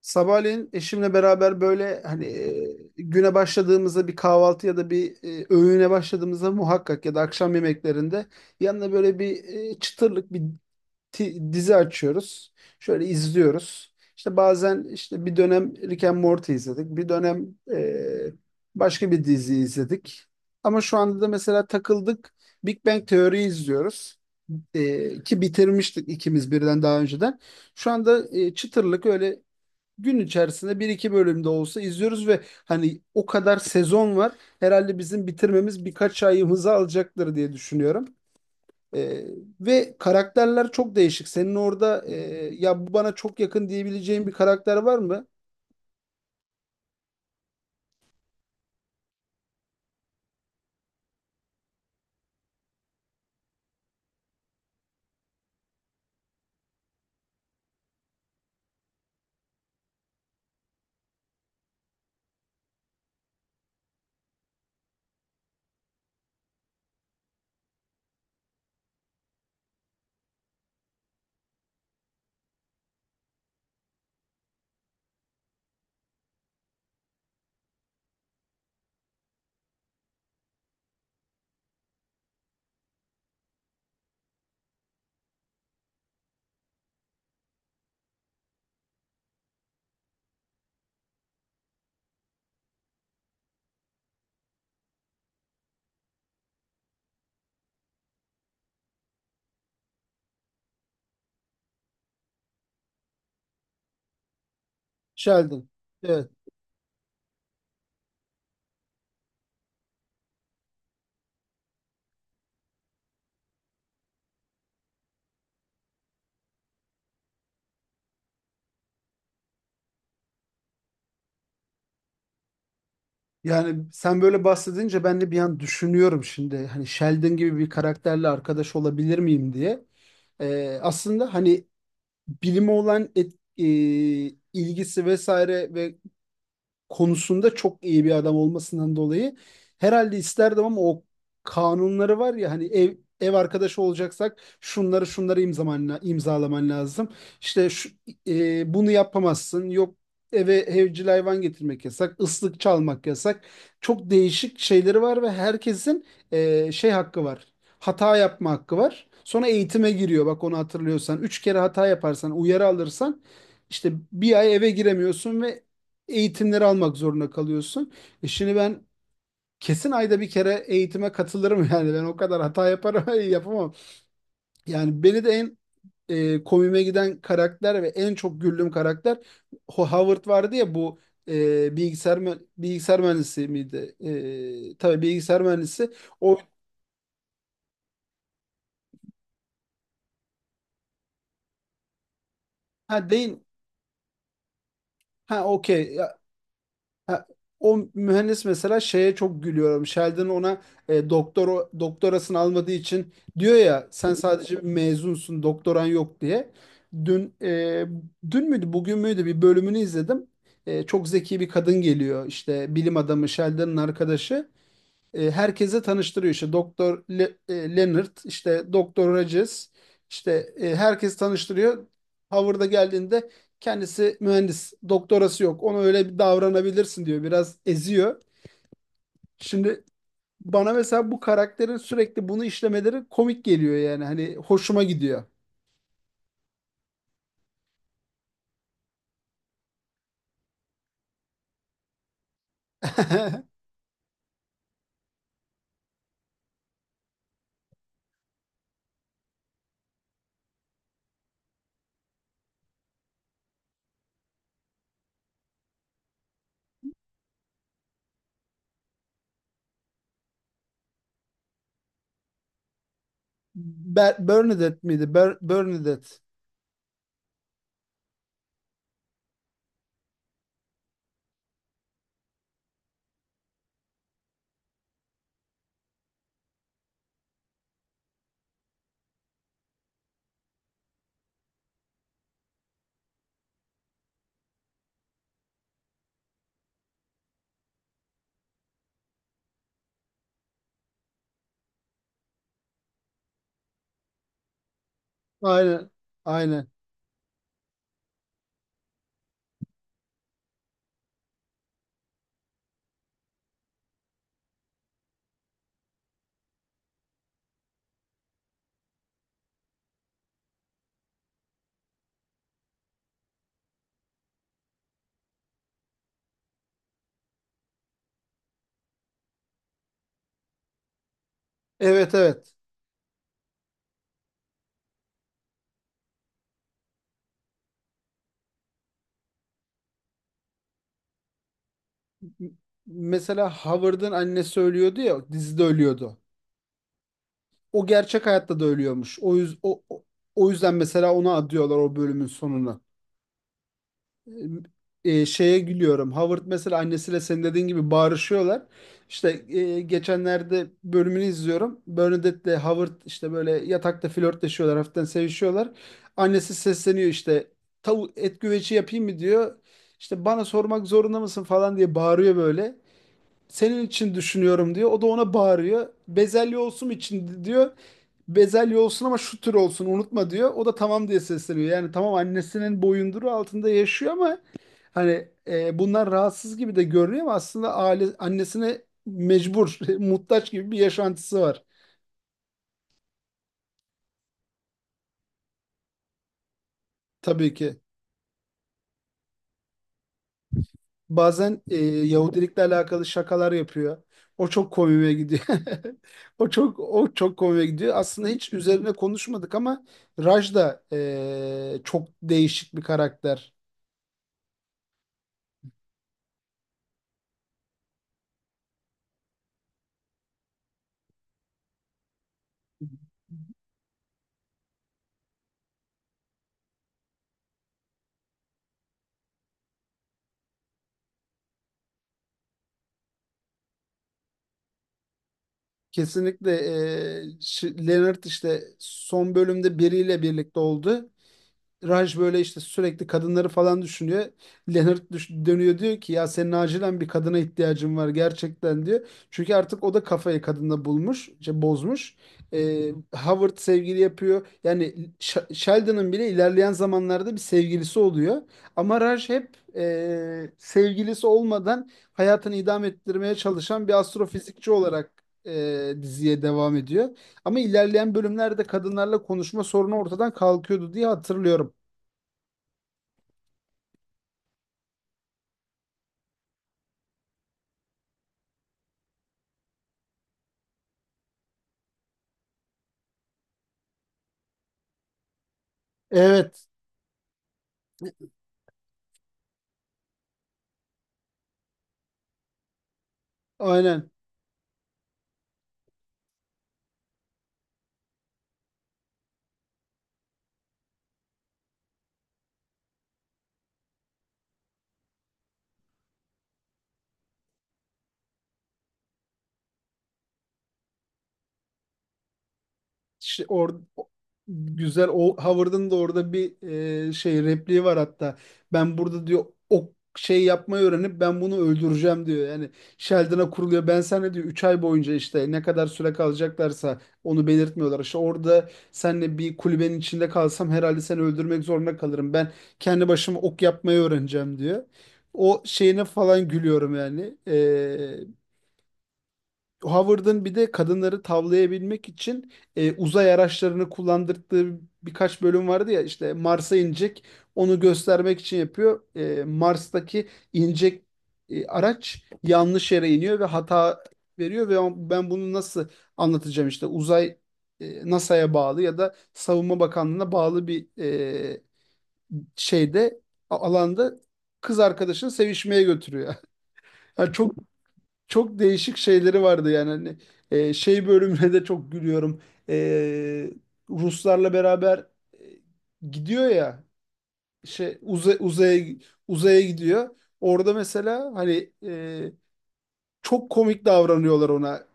Sabahleyin eşimle beraber böyle hani güne başladığımızda bir kahvaltı ya da bir öğüne başladığımızda muhakkak ya da akşam yemeklerinde yanına böyle bir çıtırlık bir dizi açıyoruz. Şöyle izliyoruz. İşte bazen işte bir dönem Rick and Morty izledik. Bir dönem e, başka bir dizi izledik. Ama şu anda da mesela takıldık. Big Bang Theory izliyoruz. Ki bitirmiştik ikimiz birden daha önceden. Şu anda çıtırlık öyle gün içerisinde bir iki bölümde olsa izliyoruz ve hani o kadar sezon var. Herhalde bizim bitirmemiz birkaç ayımızı alacaktır diye düşünüyorum. Ee, Ve karakterler çok değişik. Senin orada ya bu bana çok yakın diyebileceğin bir karakter var mı? Sheldon. Evet. Yani sen böyle bahsedince ben de bir an düşünüyorum şimdi. Hani Sheldon gibi bir karakterle arkadaş olabilir miyim diye. Aslında hani bilime olan ilgisi vesaire ve konusunda çok iyi bir adam olmasından dolayı herhalde isterdim ama o kanunları var ya hani ev arkadaşı olacaksak şunları imzalaman lazım. İşte şu, bunu yapamazsın. Yok eve evcil hayvan getirmek yasak, ıslık çalmak yasak. Çok değişik şeyleri var ve herkesin şey hakkı var. Hata yapma hakkı var. Sonra eğitime giriyor. Bak onu hatırlıyorsan. 3 kere hata yaparsan, uyarı alırsan işte bir ay eve giremiyorsun ve eğitimleri almak zorunda kalıyorsun. Şimdi ben kesin ayda bir kere eğitime katılırım yani ben o kadar hata yaparım yapamam. Yani beni de en komiğime giden karakter ve en çok güldüğüm karakter Howard vardı ya bu bilgisayar mühendisi miydi? Tabii bilgisayar mühendisi. O, ha değil. Ha, okey. Ha, o mühendis mesela şeye çok gülüyorum. Sheldon ona doktorasını almadığı için diyor ya sen sadece bir mezunsun, doktoran yok diye. Dün e, dün müydü, bugün müydü bir bölümünü izledim. Çok zeki bir kadın geliyor işte bilim adamı Sheldon'ın arkadaşı herkese tanıştırıyor işte Doktor Leonard işte Doktor Rogers işte herkes tanıştırıyor. Howard'a geldiğinde kendisi mühendis doktorası yok ona öyle bir davranabilirsin diyor biraz eziyor. Şimdi bana mesela bu karakterin sürekli bunu işlemeleri komik geliyor yani hani hoşuma gidiyor. Bernadette miydi? Bernadette. Aynen. Aynen. Evet, evet. M- Mesela Howard'ın annesi ölüyordu ya dizide ölüyordu. O gerçek hayatta da ölüyormuş. O yüzden mesela ona adıyorlar o bölümün sonunu. Ee, Şeye gülüyorum. Howard mesela annesiyle senin dediğin gibi bağırışıyorlar. İşte geçenlerde bölümünü izliyorum. Bernadette'le Howard işte böyle yatakta flörtleşiyorlar, hafiften sevişiyorlar. Annesi sesleniyor işte tavuk et güveci yapayım mı diyor. İşte bana sormak zorunda mısın falan diye bağırıyor böyle. Senin için düşünüyorum diyor. O da ona bağırıyor. Bezelye olsun için diyor, bezelye olsun ama şu tür olsun unutma diyor. O da tamam diye sesleniyor. Yani tamam annesinin boyunduru altında yaşıyor ama hani bunlar rahatsız gibi de görünüyor ama aslında aile annesine mecbur, muhtaç gibi bir yaşantısı var tabii ki. Bazen Yahudilikle alakalı şakalar yapıyor. O çok komiğe gidiyor. O çok komiğe gidiyor. Aslında hiç üzerine konuşmadık ama Raj da çok değişik bir karakter. Kesinlikle Leonard işte son bölümde biriyle birlikte oldu. Raj böyle işte sürekli kadınları falan düşünüyor. Leonard dönüyor diyor ki ya senin acilen bir kadına ihtiyacın var gerçekten diyor. Çünkü artık o da kafayı kadında bulmuş, işte bozmuş. Howard sevgili yapıyor. Yani Sheldon'ın bile ilerleyen zamanlarda bir sevgilisi oluyor. Ama Raj hep sevgilisi olmadan hayatını idame ettirmeye çalışan bir astrofizikçi olarak diziye devam ediyor. Ama ilerleyen bölümlerde kadınlarla konuşma sorunu ortadan kalkıyordu diye hatırlıyorum. Evet, aynen. İşte o- güzel, o Howard'ın da orada bir şey repliği var hatta. Ben burada diyor o şey yapmayı öğrenip ben bunu öldüreceğim diyor. Yani Sheldon'a kuruluyor. Ben sana diyor 3 ay boyunca işte ne kadar süre kalacaklarsa onu belirtmiyorlar. İşte orada seninle bir kulübenin içinde kalsam herhalde seni öldürmek zorunda kalırım. Ben kendi başıma ok yapmayı öğreneceğim diyor. O şeyine falan gülüyorum yani. Howard'ın bir de kadınları tavlayabilmek için uzay araçlarını kullandırdığı birkaç bölüm vardı ya işte Mars'a inecek onu göstermek için yapıyor. Mars'taki inecek araç yanlış yere iniyor ve hata veriyor ve ben bunu nasıl anlatacağım işte uzay NASA'ya bağlı ya da Savunma Bakanlığı'na bağlı bir şeyde alanda kız arkadaşını sevişmeye götürüyor. Yani çok çok değişik şeyleri vardı yani hani şey bölümüne de çok gülüyorum. E, Ruslarla beraber e, gidiyor ya şey uzaya gidiyor. Orada mesela hani çok komik davranıyorlar ona.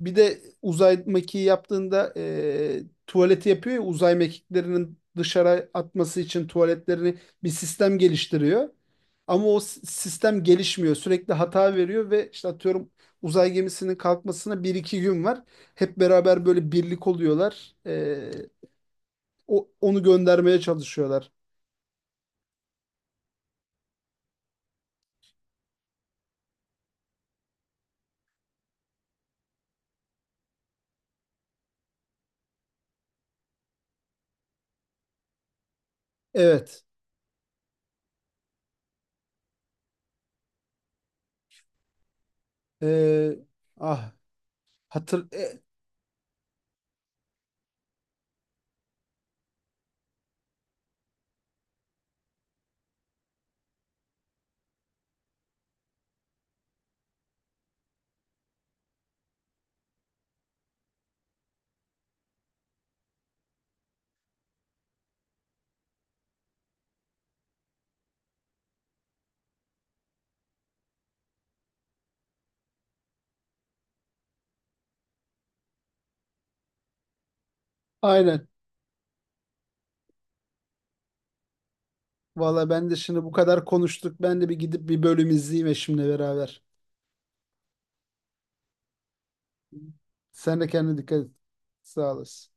Bir de uzay mekiği yaptığında tuvaleti yapıyor ya uzay mekiklerinin dışarı atması için tuvaletlerini bir sistem geliştiriyor. Ama o sistem gelişmiyor. Sürekli hata veriyor ve işte atıyorum uzay gemisinin kalkmasına bir iki gün var. Hep beraber böyle birlik oluyorlar. Onu göndermeye çalışıyorlar. Evet. E, ah hatır e, aynen. Valla ben de şimdi bu kadar konuştuk. Ben de bir gidip bir bölüm izleyeyim eşimle beraber. Sen de kendine dikkat et. Sağ olasın.